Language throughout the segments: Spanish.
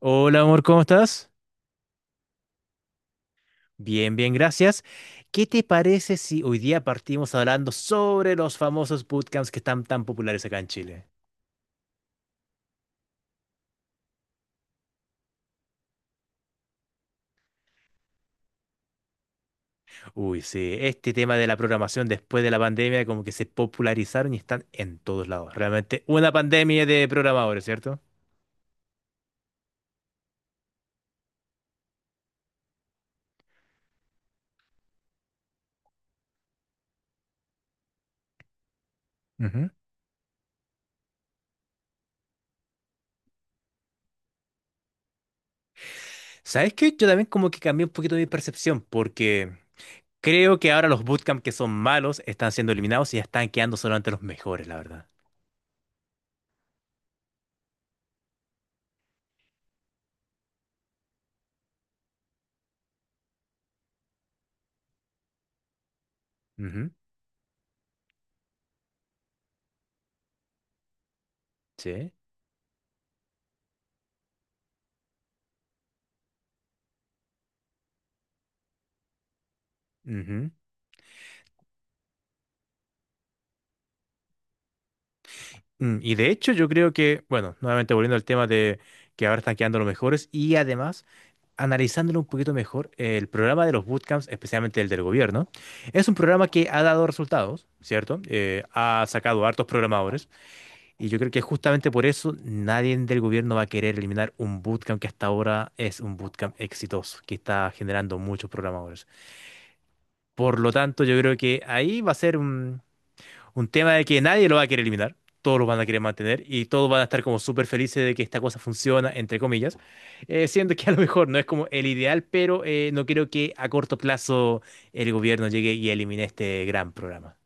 Hola amor, ¿cómo estás? Bien, bien, gracias. ¿Qué te parece si hoy día partimos hablando sobre los famosos bootcamps que están tan populares acá en Chile? Uy, sí, este tema de la programación después de la pandemia como que se popularizaron y están en todos lados. Realmente una pandemia de programadores, ¿cierto? Ujú. ¿Sabes qué? Yo también como que cambié un poquito mi percepción porque creo que ahora los bootcamps que son malos están siendo eliminados y ya están quedando solamente los mejores, la verdad. Ujú. Sí. Ujú. Y de hecho yo creo que, bueno, nuevamente volviendo al tema de que ahora están quedando los mejores y además analizándolo un poquito mejor, el programa de los bootcamps, especialmente el del gobierno, es un programa que ha dado resultados, ¿cierto? Ha sacado hartos programadores y yo creo que justamente por eso nadie del gobierno va a querer eliminar un bootcamp que hasta ahora es un bootcamp exitoso, que está generando muchos programadores. Por lo tanto, yo creo que ahí va a ser un tema de que nadie lo va a querer eliminar, todos lo van a querer mantener y todos van a estar como súper felices de que esta cosa funciona, entre comillas, siendo que a lo mejor no es como el ideal, pero no creo que a corto plazo el gobierno llegue y elimine este gran programa.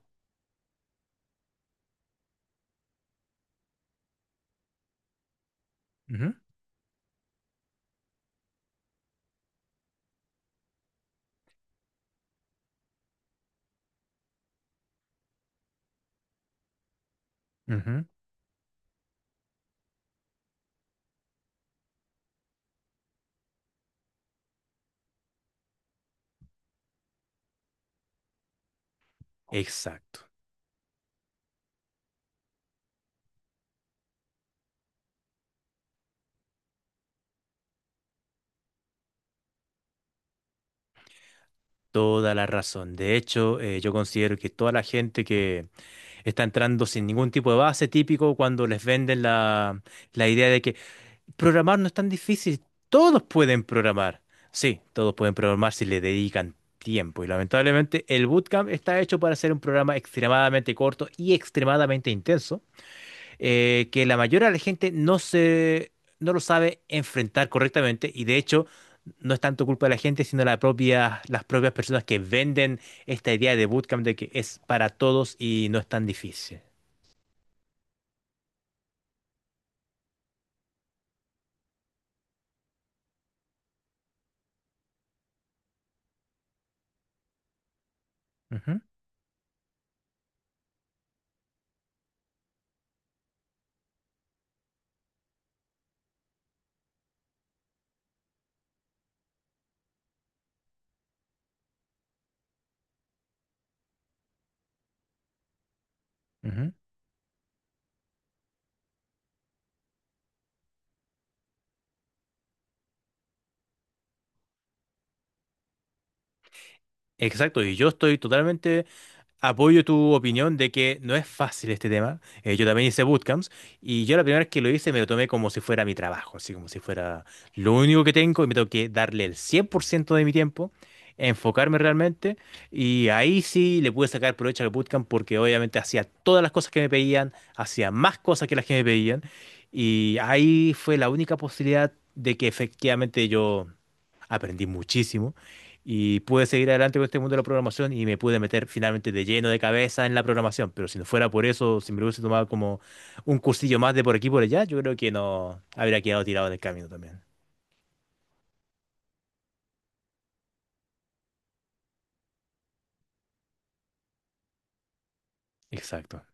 Ujú, ujú. Exacto. Toda la razón. De hecho, yo considero que toda la gente que está entrando sin ningún tipo de base típico cuando les venden la idea de que programar no es tan difícil. Todos pueden programar. Sí, todos pueden programar si le dedican tiempo. Y lamentablemente el bootcamp está hecho para ser un programa extremadamente corto y extremadamente intenso, que la mayoría de la gente no se, no lo sabe enfrentar correctamente. Y de hecho, no es tanto culpa de la gente, sino las propias personas que venden esta idea de bootcamp de que es para todos y no es tan difícil. Ujú, ujú. Exacto, y yo estoy totalmente. Apoyo tu opinión de que no es fácil este tema. Yo también hice bootcamps y yo la primera vez que lo hice me lo tomé como si fuera mi trabajo, así como si fuera lo único que tengo y me tengo que darle el 100% de mi tiempo, enfocarme realmente y ahí sí le pude sacar provecho al bootcamp porque obviamente hacía todas las cosas que me pedían, hacía más cosas que las que me pedían y ahí fue la única posibilidad de que efectivamente yo aprendí muchísimo y pude seguir adelante con este mundo de la programación y me pude meter finalmente de lleno de cabeza en la programación. Pero si no fuera por eso, si me lo hubiese tomado como un cursillo más de por aquí y por allá, yo creo que no habría quedado tirado del camino también. Exacto.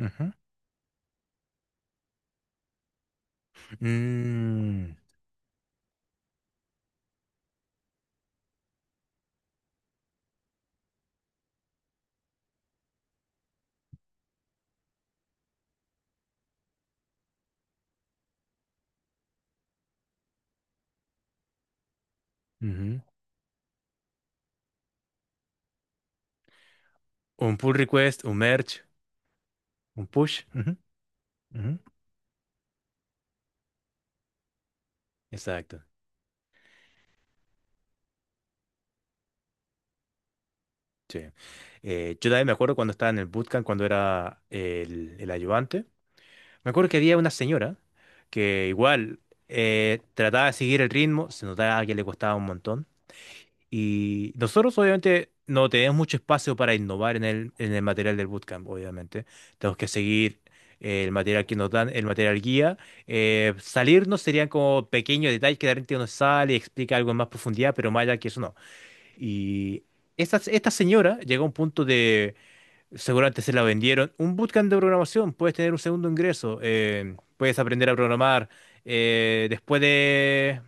Ujú. Mm, ujú. Un pull request, un merge, un push. Ujú, ujú. Exacto. Sí. Yo también me acuerdo cuando estaba en el bootcamp, cuando era el ayudante. Me acuerdo que había una señora que igual trataba de seguir el ritmo, se notaba que le costaba un montón. Y nosotros obviamente no tenemos mucho espacio para innovar en el material del bootcamp, obviamente. Tenemos que seguir el material que nos dan, el material guía. Salirnos serían como pequeños detalles que de repente uno sale y explica algo en más profundidad, pero más allá que eso no. Y esta señora llegó a un punto de. Seguramente se la vendieron. Un bootcamp de programación, puedes tener un segundo ingreso, puedes aprender a programar eh, después de,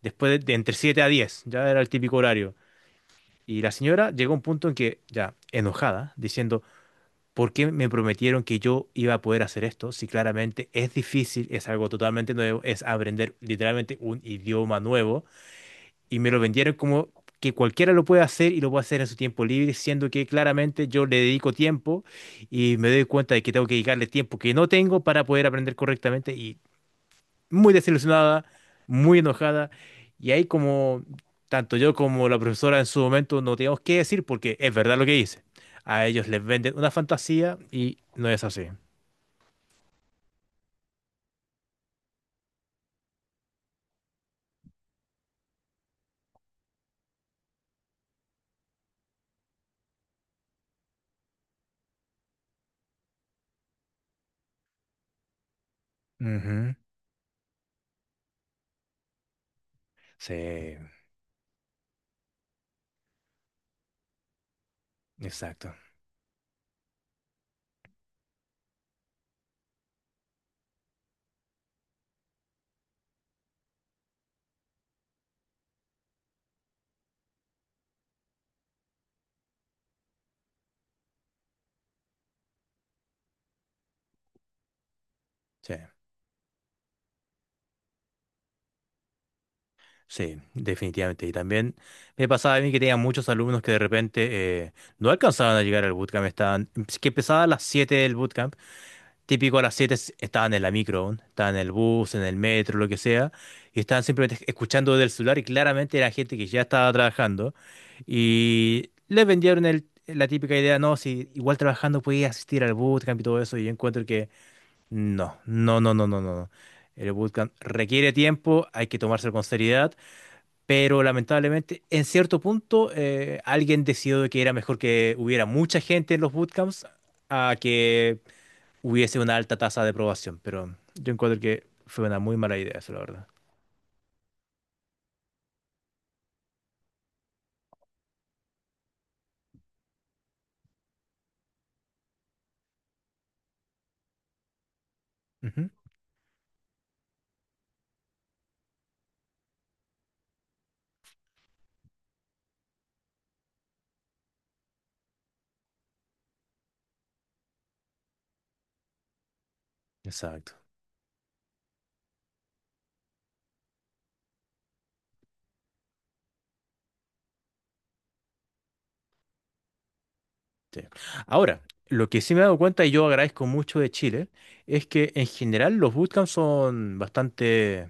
después de entre 7 a 10, ya era el típico horario. Y la señora llegó a un punto en que, ya enojada, diciendo, ¿por qué me prometieron que yo iba a poder hacer esto? Si claramente es difícil, es algo totalmente nuevo, es aprender literalmente un idioma nuevo y me lo vendieron como que cualquiera lo puede hacer y lo puede hacer en su tiempo libre, siendo que claramente yo le dedico tiempo y me doy cuenta de que tengo que dedicarle tiempo que no tengo para poder aprender correctamente y muy desilusionada, muy enojada. Y ahí como tanto yo como la profesora en su momento no teníamos qué decir porque es verdad lo que dice. A ellos les venden una fantasía y no es así. Ujú. Sí, exacto. Sí. Sí, definitivamente. Y también me pasaba a mí que tenía muchos alumnos que de repente no alcanzaban a llegar al bootcamp. Si que empezaba a las 7 del bootcamp. Típico a las 7 estaban en la micro, aún, estaban en el bus, en el metro, lo que sea. Y estaban simplemente escuchando desde el celular y claramente era gente que ya estaba trabajando. Y les vendieron la típica idea, no, si igual trabajando podías asistir al bootcamp y todo eso. Y yo encuentro que no, no, no, no, no, no, no. El bootcamp requiere tiempo, hay que tomárselo con seriedad. Pero lamentablemente, en cierto punto, alguien decidió de que era mejor que hubiera mucha gente en los bootcamps a que hubiese una alta tasa de aprobación. Pero yo encuentro que fue una muy mala idea, eso, la verdad. Ujú. Exacto. Sí. Ahora, lo que sí me he dado cuenta, y yo agradezco mucho de Chile, es que en general los bootcamps son bastante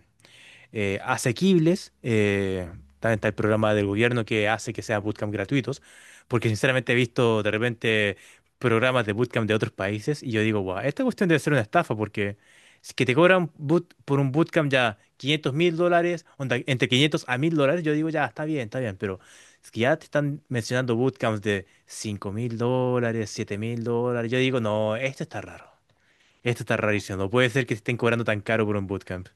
asequibles. También está el programa del gobierno que hace que sean bootcamp gratuitos, porque sinceramente he visto de repente programas de bootcamp de otros países y yo digo, wow, esta cuestión debe ser una estafa porque si que te cobran por un bootcamp ya 500.000 dólares, onda, entre 500 a 1000 dólares, yo digo, ya, está bien, pero es que ya te están mencionando bootcamps de 5000 dólares, 7000 dólares, yo digo, no, esto está raro, esto está rarísimo, no puede ser que te estén cobrando tan caro por un bootcamp.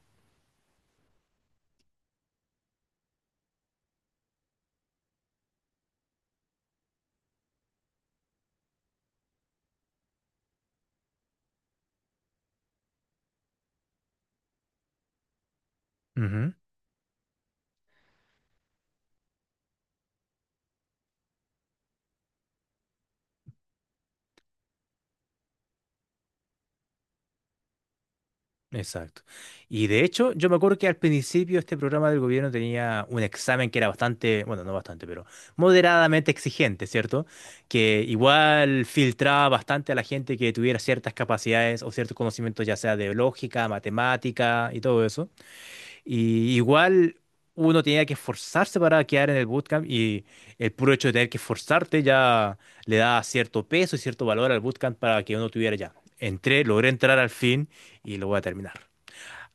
Exacto. Y de hecho, yo me acuerdo que al principio este programa del gobierno tenía un examen que era bastante, bueno, no bastante, pero moderadamente exigente, ¿cierto? Que igual filtraba bastante a la gente que tuviera ciertas capacidades o ciertos conocimientos, ya sea de lógica, matemática y todo eso. Y igual uno tenía que esforzarse para quedar en el bootcamp y el puro hecho de tener que esforzarte ya le da cierto peso y cierto valor al bootcamp para que uno tuviera ya. Entré, logré entrar al fin y lo voy a terminar.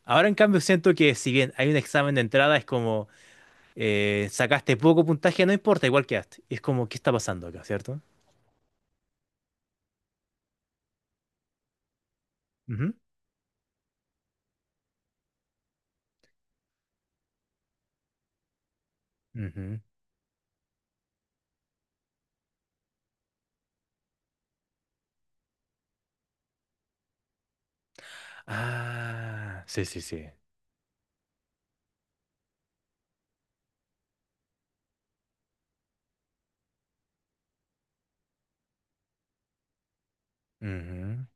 Ahora, en cambio, siento que si bien hay un examen de entrada, es como sacaste poco puntaje, no importa, igual quedaste. Es como, ¿qué está pasando acá, cierto? Ujú, ujú. Ah, sí, sí, sí. Ujú.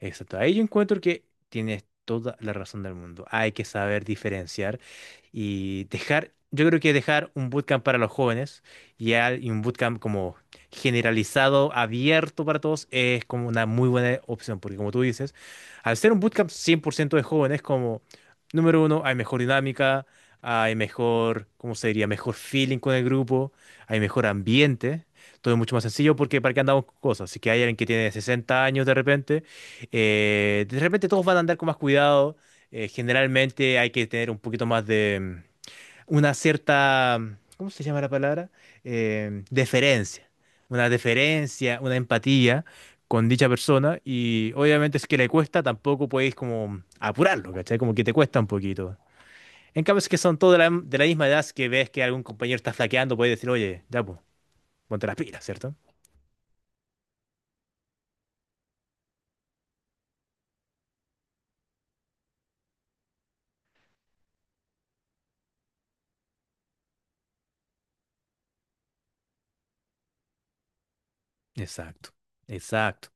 Exacto. Ahí yo encuentro que tienes toda la razón del mundo. Hay que saber diferenciar y dejar, yo creo que dejar un bootcamp para los jóvenes y un bootcamp como generalizado, abierto para todos, es como una muy buena opción, porque como tú dices, al ser un bootcamp 100% de jóvenes, como número uno, hay mejor dinámica, hay mejor, ¿cómo se diría? Mejor feeling con el grupo, hay mejor ambiente. Todo es mucho más sencillo porque para qué andamos con cosas. Si que hay alguien que tiene 60 años de repente todos van a andar con más cuidado. Generalmente hay que tener un poquito más de una cierta, ¿cómo se llama la palabra? Deferencia. Una deferencia, una empatía con dicha persona. Y obviamente si es que le cuesta, tampoco podéis como apurarlo, ¿cachai? Como que te cuesta un poquito. En cambio, si es que son todos de la misma edad, si que ves que algún compañero está flaqueando, podéis decir, oye, ya, po, ponte las pilas, ¿cierto? Exacto, exacto.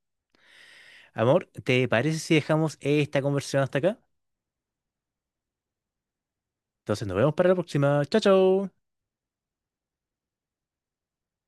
Amor, ¿te parece si dejamos esta conversación hasta acá? Entonces nos vemos para la próxima. Chao, chao.